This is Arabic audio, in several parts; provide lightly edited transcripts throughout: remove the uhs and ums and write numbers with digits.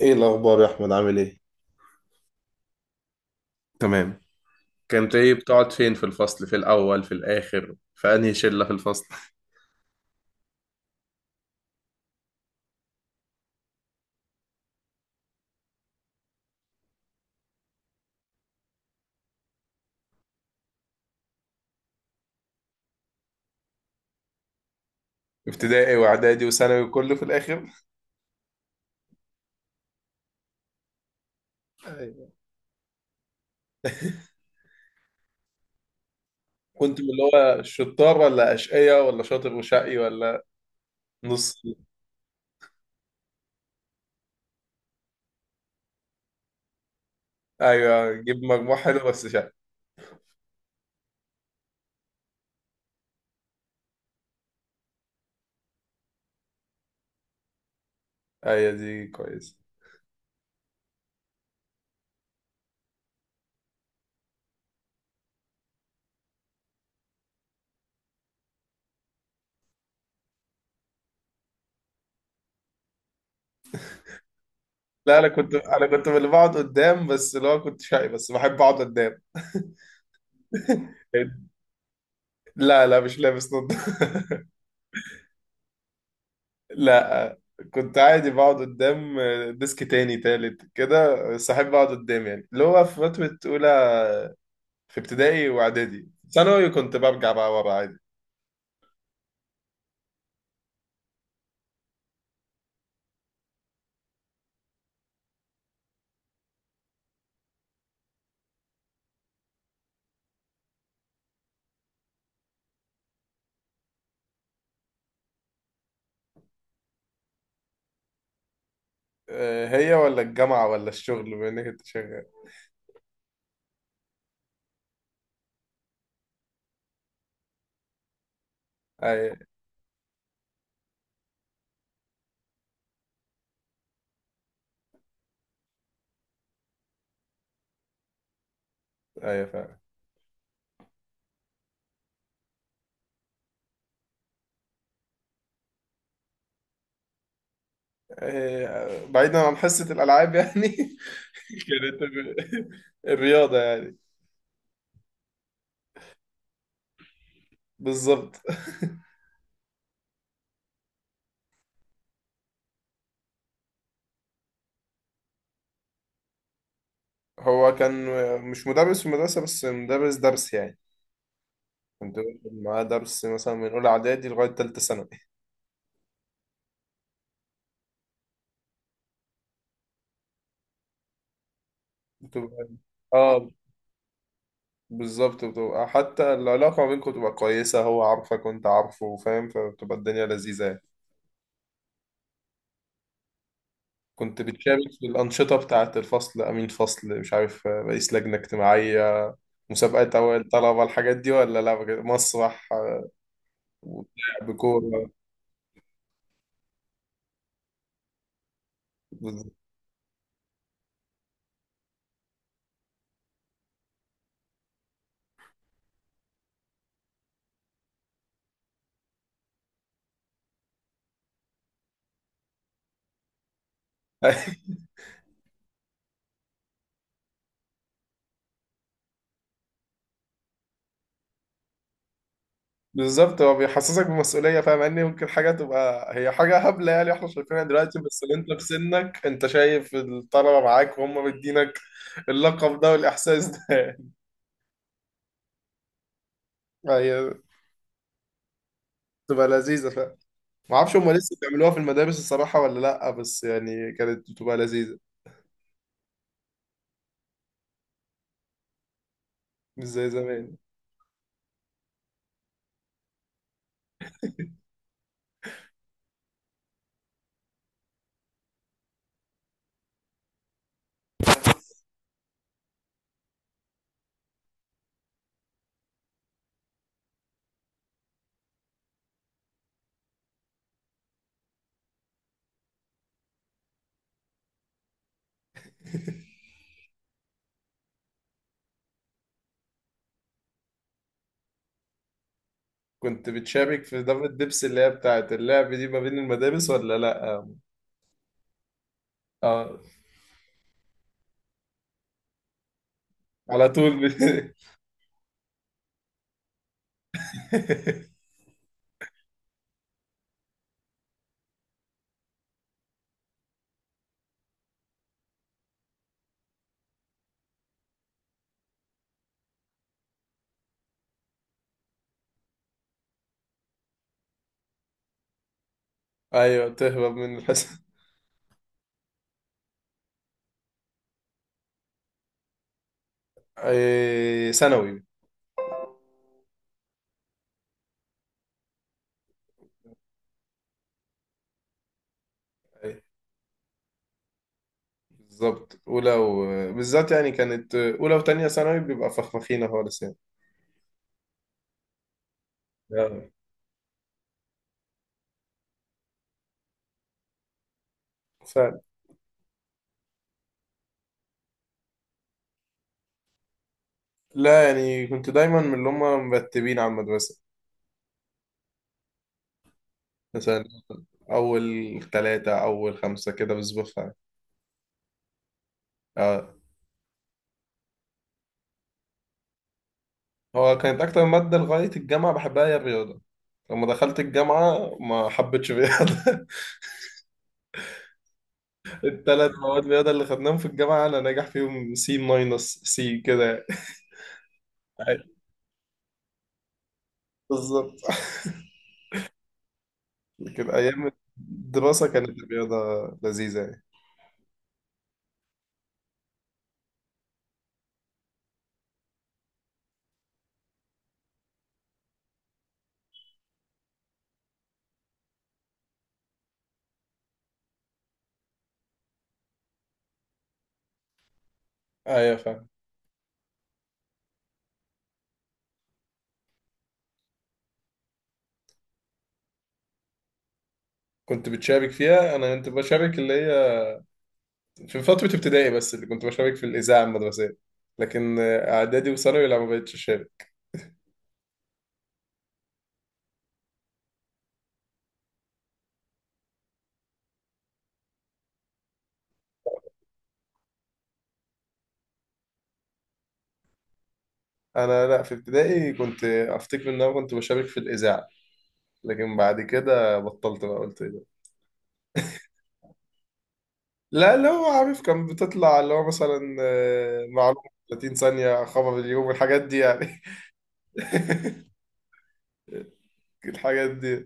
ايه الاخبار يا احمد، عامل ايه؟ تمام. كنت ايه، بتقعد فين في الفصل، في الاول في الاخر، في انهي شله في الفصل؟ ابتدائي واعدادي وثانوي، وكله في الاخر؟ أيوة. كنت من اللي هو الشطار، ولا اشقية، ولا شاطر وشقي، ولا نص؟ ايوه، جيب مجموع حلو بس شقي. ايوه، دي كويس. لا، انا كنت من اللي بقعد قدام، بس اللي هو كنت شقي بس بحب اقعد قدام. لا لا، مش لابس نضاره. لا، كنت عادي بقعد قدام. ديسك تاني تالت كده، بس احب اقعد قدام، يعني اللي هو في فترة أولى، في ابتدائي وإعدادي. ثانوي كنت برجع بقى ورا عادي. هي ولا الجامعة ولا الشغل، بما إنك كنت شغال؟ أي. أي فعلا. بعيدا عن حصة الألعاب يعني. كانت الرياضة يعني. بالظبط. هو كان مش مدرس في المدرسة، بس مدرس درس يعني. كنت باخد معاه درس مثلا من أولى إعدادي لغاية تالتة ثانوي. بتبقى اه بالظبط، بتبقى حتى العلاقة ما بينكم بتبقى كويسة، هو عارفك وانت عارفه فاهم، فبتبقى الدنيا لذيذة يعني. كنت بتشارك في الأنشطة بتاعة الفصل، أمين فصل مش عارف، رئيس لجنة اجتماعية، مسابقات أوائل طلبة، الحاجات دي ولا لا، بجد؟ مسرح، ولعب كورة؟ بالظبط. بالظبط، هو بيحسسك بمسؤولية، فاهم إن ممكن حاجة تبقى هي حاجة هبلة يعني احنا شايفينها دلوقتي، بس اللي انت في سنك انت شايف الطلبة معاك وهم مدينك اللقب ده والإحساس ده. هي بتبقى لذيذة فعلا. ما اعرفش هم لسه بيعملوها في المدارس الصراحة ولا لأ، بس يعني كانت بتبقى لذيذة. مش زي زمان. كنت بتشارك في دورة دبس، اللي هي بتاعت اللعب دي، ما بين المدارس ولا لأ؟ اه. آه، على طول. ايوه، تهرب من الحصة. ثانوي. أي، بالظبط أولى. بالذات يعني كانت أولى وتانية ثانوي بيبقى فخفخينة خالص يعني. آه. فعلا. لا يعني كنت دايما من اللي هم مرتبين على المدرسة. مثلا اول ثلاثة اول خمسة كده بظبطها يعني. اه. هو كانت اكتر مادة لغاية الجامعة بحبها هي الرياضة. لما دخلت الجامعة ما حبيتش الرياضة. الثلاث مواد رياضة اللي خدناهم في الجامعة، انا ناجح فيهم سي ماينس سي كده يعني. بالظبط. لكن ايام الدراسة كانت الرياضة لذيذة يعني. ايوه، فاهم. كنت بتشارك فيها؟ انا كنت بشارك اللي هي في فترة ابتدائي بس، اللي كنت بشارك في الإذاعة المدرسية. لكن اعدادي وثانوي، لا، ما بقتش اشارك. انا، لا، في ابتدائي كنت افتكر ان انا كنت بشارك في الاذاعه، لكن بعد كده بطلت بقى، قلت ايه ده. لا، اللي هو عارف كان بتطلع اللي هو مثلا، معلومه 30 ثانيه، خبر اليوم، الحاجات دي يعني. الحاجات دي،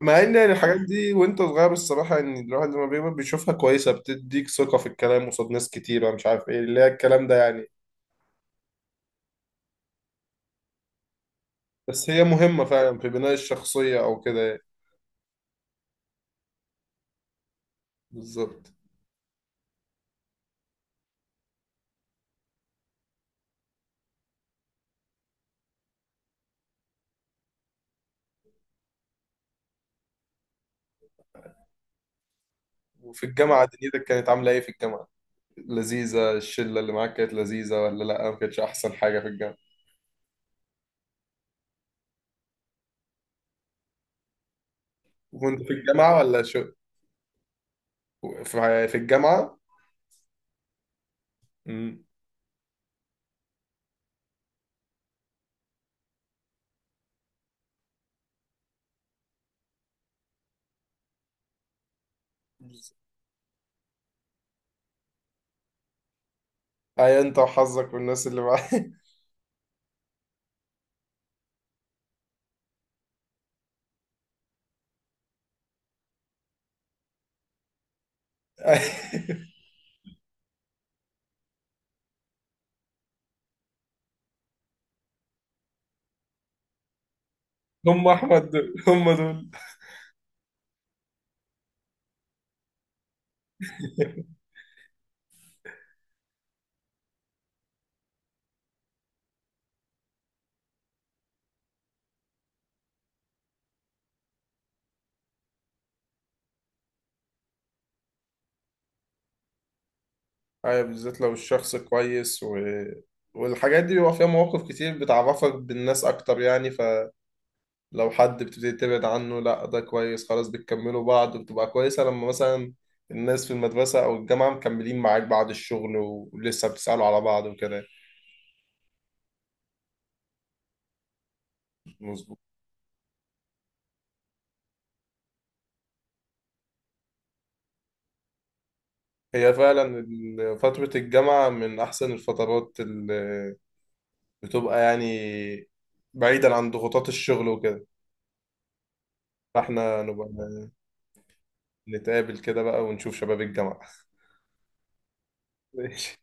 مع ان يعني الحاجات دي وانت صغير الصراحه، ان الواحد لما بيكبر بيشوفها كويسه، بتديك ثقه في الكلام قصاد ناس كتيره، مش عارف ايه اللي هي الكلام ده يعني. بس هي مهمه فعلا في بناء الشخصيه او كده يعني. بالظبط. وفي الجامعه دنيتك كانت عامله ايه في الجامعه؟ لذيذة، الشلة اللي معاك كانت لذيذة ولا لأ، ما كانتش أحسن حاجة في الجامعة؟ وكنت في الجامعة ولا شو؟ في الجامعة. امم. أي، أنت وحظك والناس اللي معاك. هم أحمد دول، هم دول. أي، بالذات لو الشخص كويس. والحاجات دي بيبقى فيها مواقف كتير بتعرفك بالناس أكتر يعني. لو حد بتبتدي تبعد عنه، لا ده كويس، خلاص بتكملوا بعض وبتبقى كويسة، لما مثلا الناس في المدرسة أو الجامعة مكملين معاك بعد الشغل ولسه بتسألوا على بعض وكده. مظبوط. هي فعلا فترة الجامعة من أحسن الفترات اللي بتبقى، يعني بعيدا عن ضغوطات الشغل وكده. فاحنا نبقى نتقابل كده بقى ونشوف شباب الجامعة. ماشي.